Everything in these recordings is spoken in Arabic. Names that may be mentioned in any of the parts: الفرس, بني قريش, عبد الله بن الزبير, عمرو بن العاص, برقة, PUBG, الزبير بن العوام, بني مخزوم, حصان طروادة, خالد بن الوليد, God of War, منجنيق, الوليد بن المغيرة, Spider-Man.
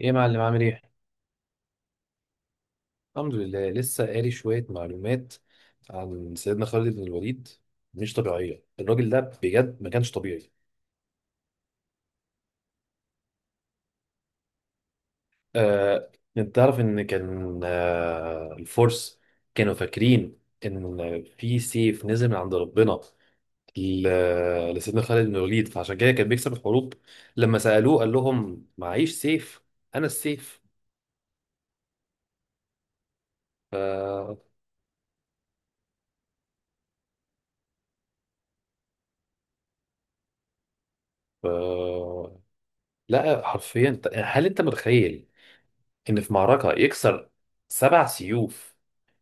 ايه يا معلم، عامل ايه؟ الحمد لله، لسه قاري شوية معلومات عن سيدنا خالد بن الوليد. مش طبيعية الراجل ده بجد، ما كانش طبيعي. آه، انت تعرف ان كان الفرس كانوا فاكرين ان في سيف نزل من عند ربنا لسيدنا خالد بن الوليد، فعشان كده كان بيكسب الحروب. لما سألوه قال لهم معيش سيف، انا السيف. ف... ف... لا، حرفيا هل انت متخيل ان في معركه يكسر سبع سيوف؟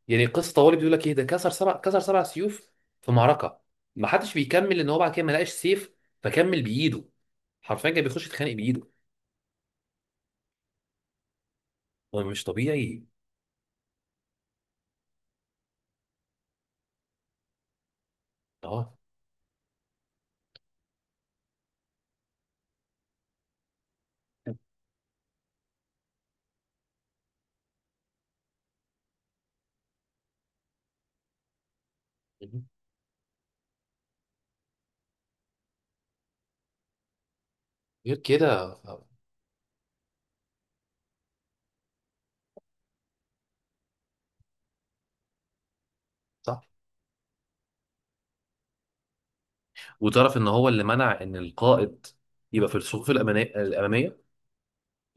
يعني قصه طوالي بيقول لك ايه ده، كسر سبع سيوف في معركه. ما حدش بيكمل ان هو بعد كده ما لقاش سيف فكمل بايده، حرفيا كان بيخش يتخانق بايده. هو مش طبيعي. اه، غير كده. صح، وتعرف ان هو اللي منع ان القائد يبقى في الصفوف الاماميه.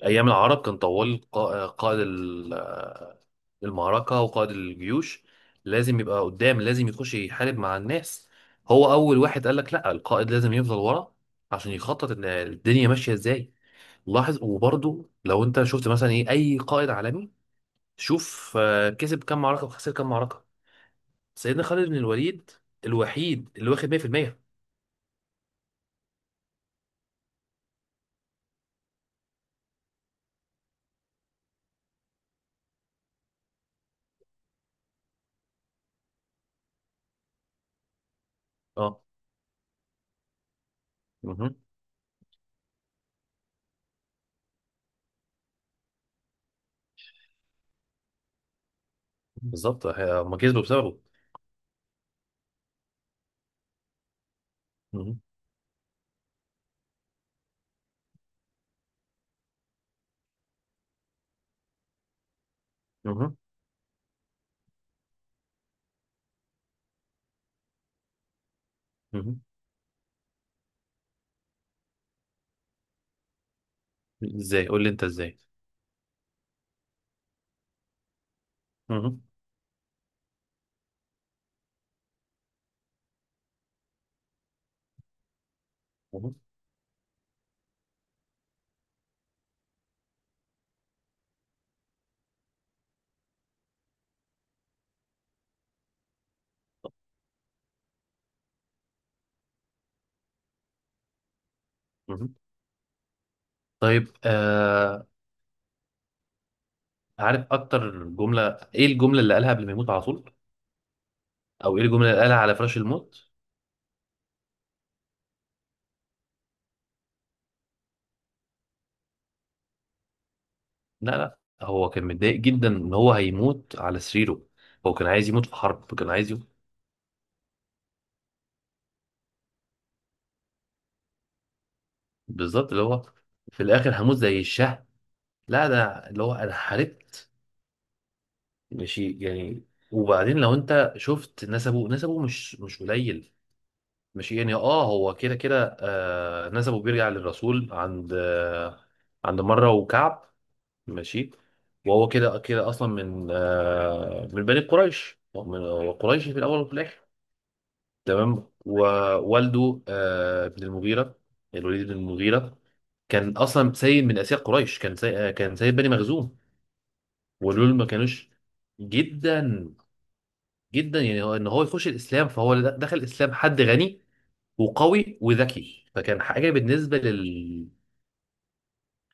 أيام العرب كان طوال قائد المعركة وقائد الجيوش لازم يبقى قدام، لازم يخش يحارب مع الناس. هو أول واحد قال لك لا، القائد لازم يفضل ورا عشان يخطط إن الدنيا ماشية إزاي. لاحظ، وبرضه لو أنت شفت مثلا إيه، أي قائد عالمي شوف كسب كام معركة وخسر كام معركة. سيدنا خالد بن الوليد الوحيد اللي واخد 100%. اه. مهم. بالظبط هم كسبوا بسببه. مهم. مهم. مهم. ازاي، قول لي انت ازاي. مهم. مهم. طيب. عارف اكتر جمله، ايه الجمله اللي قالها قبل ما يموت على طول؟ او ايه الجمله اللي قالها على فراش الموت؟ لا لا، هو كان متضايق جدا ان هو هيموت على سريره. هو كان عايز يموت في حرب، كان عايز يموت. بالظبط، اللي هو في الاخر هموت زي الشهم، لا ده اللي هو انا حاربت. ماشي يعني. وبعدين لو انت شفت نسبه، نسبه مش قليل. ماشي يعني، اه هو كده كده، نسبه بيرجع للرسول عند عند مره وكعب. ماشي. وهو كده كده اصلا من من بني قريش، هو هو قريشي في الاول وفي الاخر. تمام، ووالده ابن المغيره، الوليد بن المغيره، كان اصلا سيد من اسياد قريش، كان سيد بني مخزوم. ودول ما كانوش جدا جدا يعني، هو ان هو يخش الاسلام، فهو دخل الاسلام حد غني وقوي وذكي، فكان حاجه بالنسبه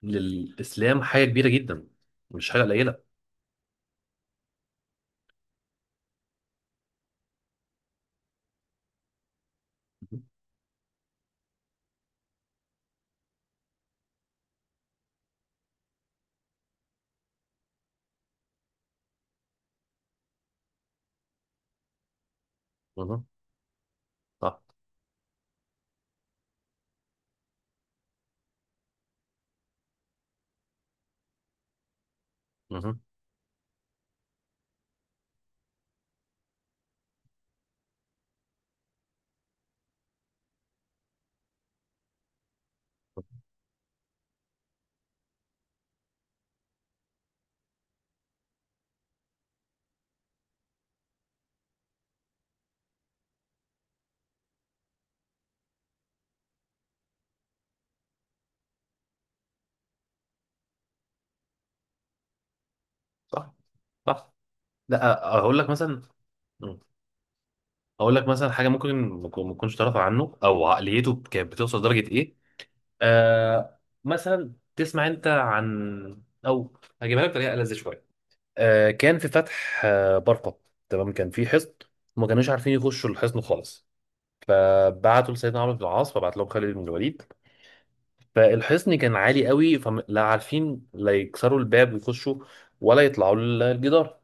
للاسلام، حاجه كبيره جدا، مش حاجه قليله. مهم. صح. مهم. صح. صح. لا اقول لك مثلا، حاجه ممكن ما تكونش تعرف عنه، او عقليته كانت بتوصل لدرجه ايه. مثلا تسمع انت عن، او هجيبها لك بطريقه ألذ شويه. كان في فتح برقه، تمام. كان في حصن وما كانوش عارفين يخشوا الحصن خالص. بعتوا لسيدنا عمرو بن العاص، فبعت لهم خالد بن الوليد. فالحصن كان عالي قوي، فلا عارفين لا يكسروا الباب ويخشوا ولا يطلعوا الجدار.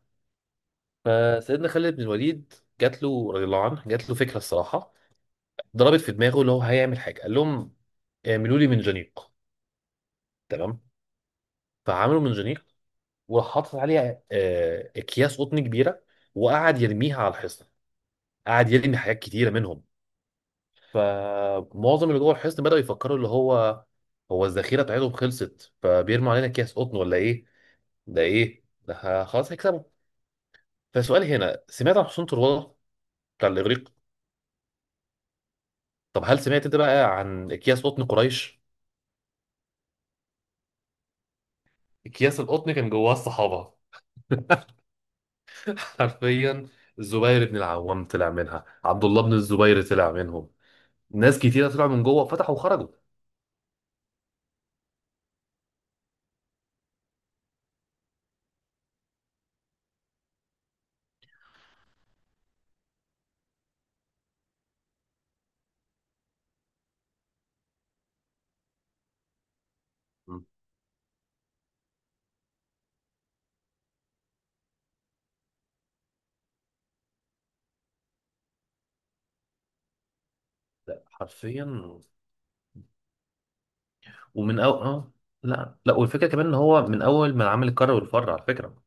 فسيدنا خالد بن الوليد جات له رضي الله عنه، جات له فكره، الصراحه ضربت في دماغه اللي هو هيعمل حاجه. قال لهم اعملوا لي منجنيق. تمام، فعملوا منجنيق، وراح حاطط عليه اكياس قطن كبيره، وقعد يرميها على الحصن، قعد يرمي حاجات كتيره منهم. فمعظم اللي جوه الحصن بداوا يفكروا اللي هو، هو الذخيره بتاعتهم خلصت فبيرموا علينا اكياس قطن ولا ايه، ده ايه ده، خلاص هيكسبوا. فسؤال هنا، سمعت عن حصان طروادة بتاع الاغريق؟ طب هل سمعت انت بقى عن اكياس قطن قريش؟ اكياس القطن كان جواه الصحابه. حرفيا الزبير بن العوام طلع منها، عبد الله بن الزبير طلع منهم، ناس كتيره طلعوا من جوه فتحوا وخرجوا. مم. لا حرفيا. ومن أول اه، لا لا، والفكره كمان ان هو من اول ما العمل الكر والفر على فكره.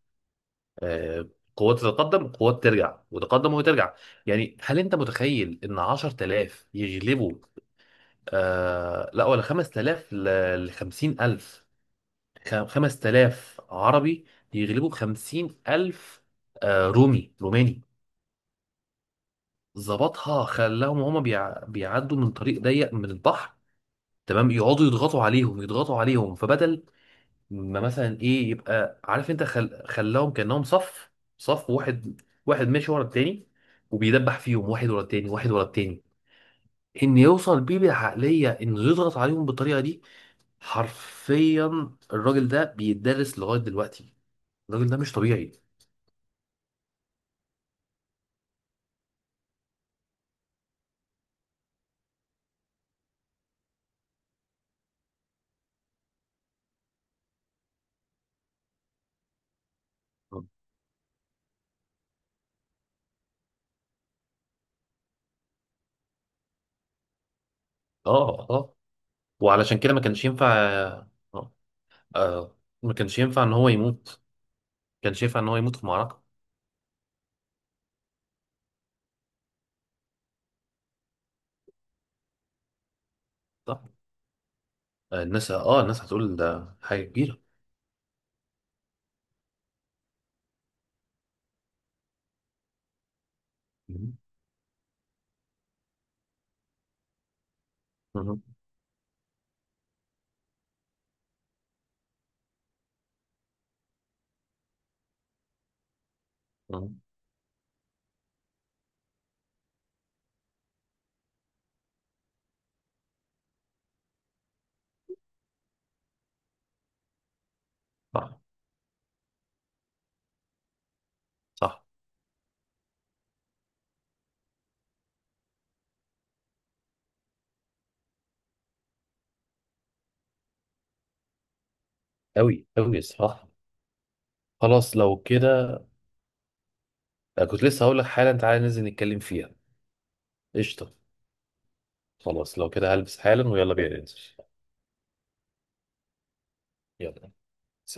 آه قوات تتقدم، قوات ترجع، وتقدم وترجع. يعني هل انت متخيل ان 10000 يغلبوا؟ لا، ولا 5000 ل 50000، 5000 عربي يغلبوا 50000 رومي روماني. ظبطها، خلاهم هما بيعدوا من طريق ضيق من البحر. تمام، يقعدوا يضغطوا عليهم يضغطوا عليهم، فبدل ما مثلا ايه يبقى عارف انت، خلاهم كأنهم صف صف واحد واحد ماشي ورا التاني، وبيدبح فيهم واحد ورا التاني واحد ورا التاني، ان يوصل بيه بالعقلية انه يضغط عليهم بالطريقة دي. حرفيا الراجل ده بيتدرس لغاية دلوقتي، الراجل ده مش طبيعي. اه اه، وعلشان كده ما كانش ينفع. آه. آه، ما كانش ينفع ان هو يموت، ما كانش ينفع ان هو يموت في معركه. صح. الناس الناس هتقول ده حاجه كبيره. مم. مم. مم. صح صح، قوي قوي، صح. خلاص لو كده، كنت لسه هقول لك حالا، تعالى ننزل نتكلم فيها. قشطه، خلاص لو كده هلبس حالا ويلا بينا ننزل. يلا.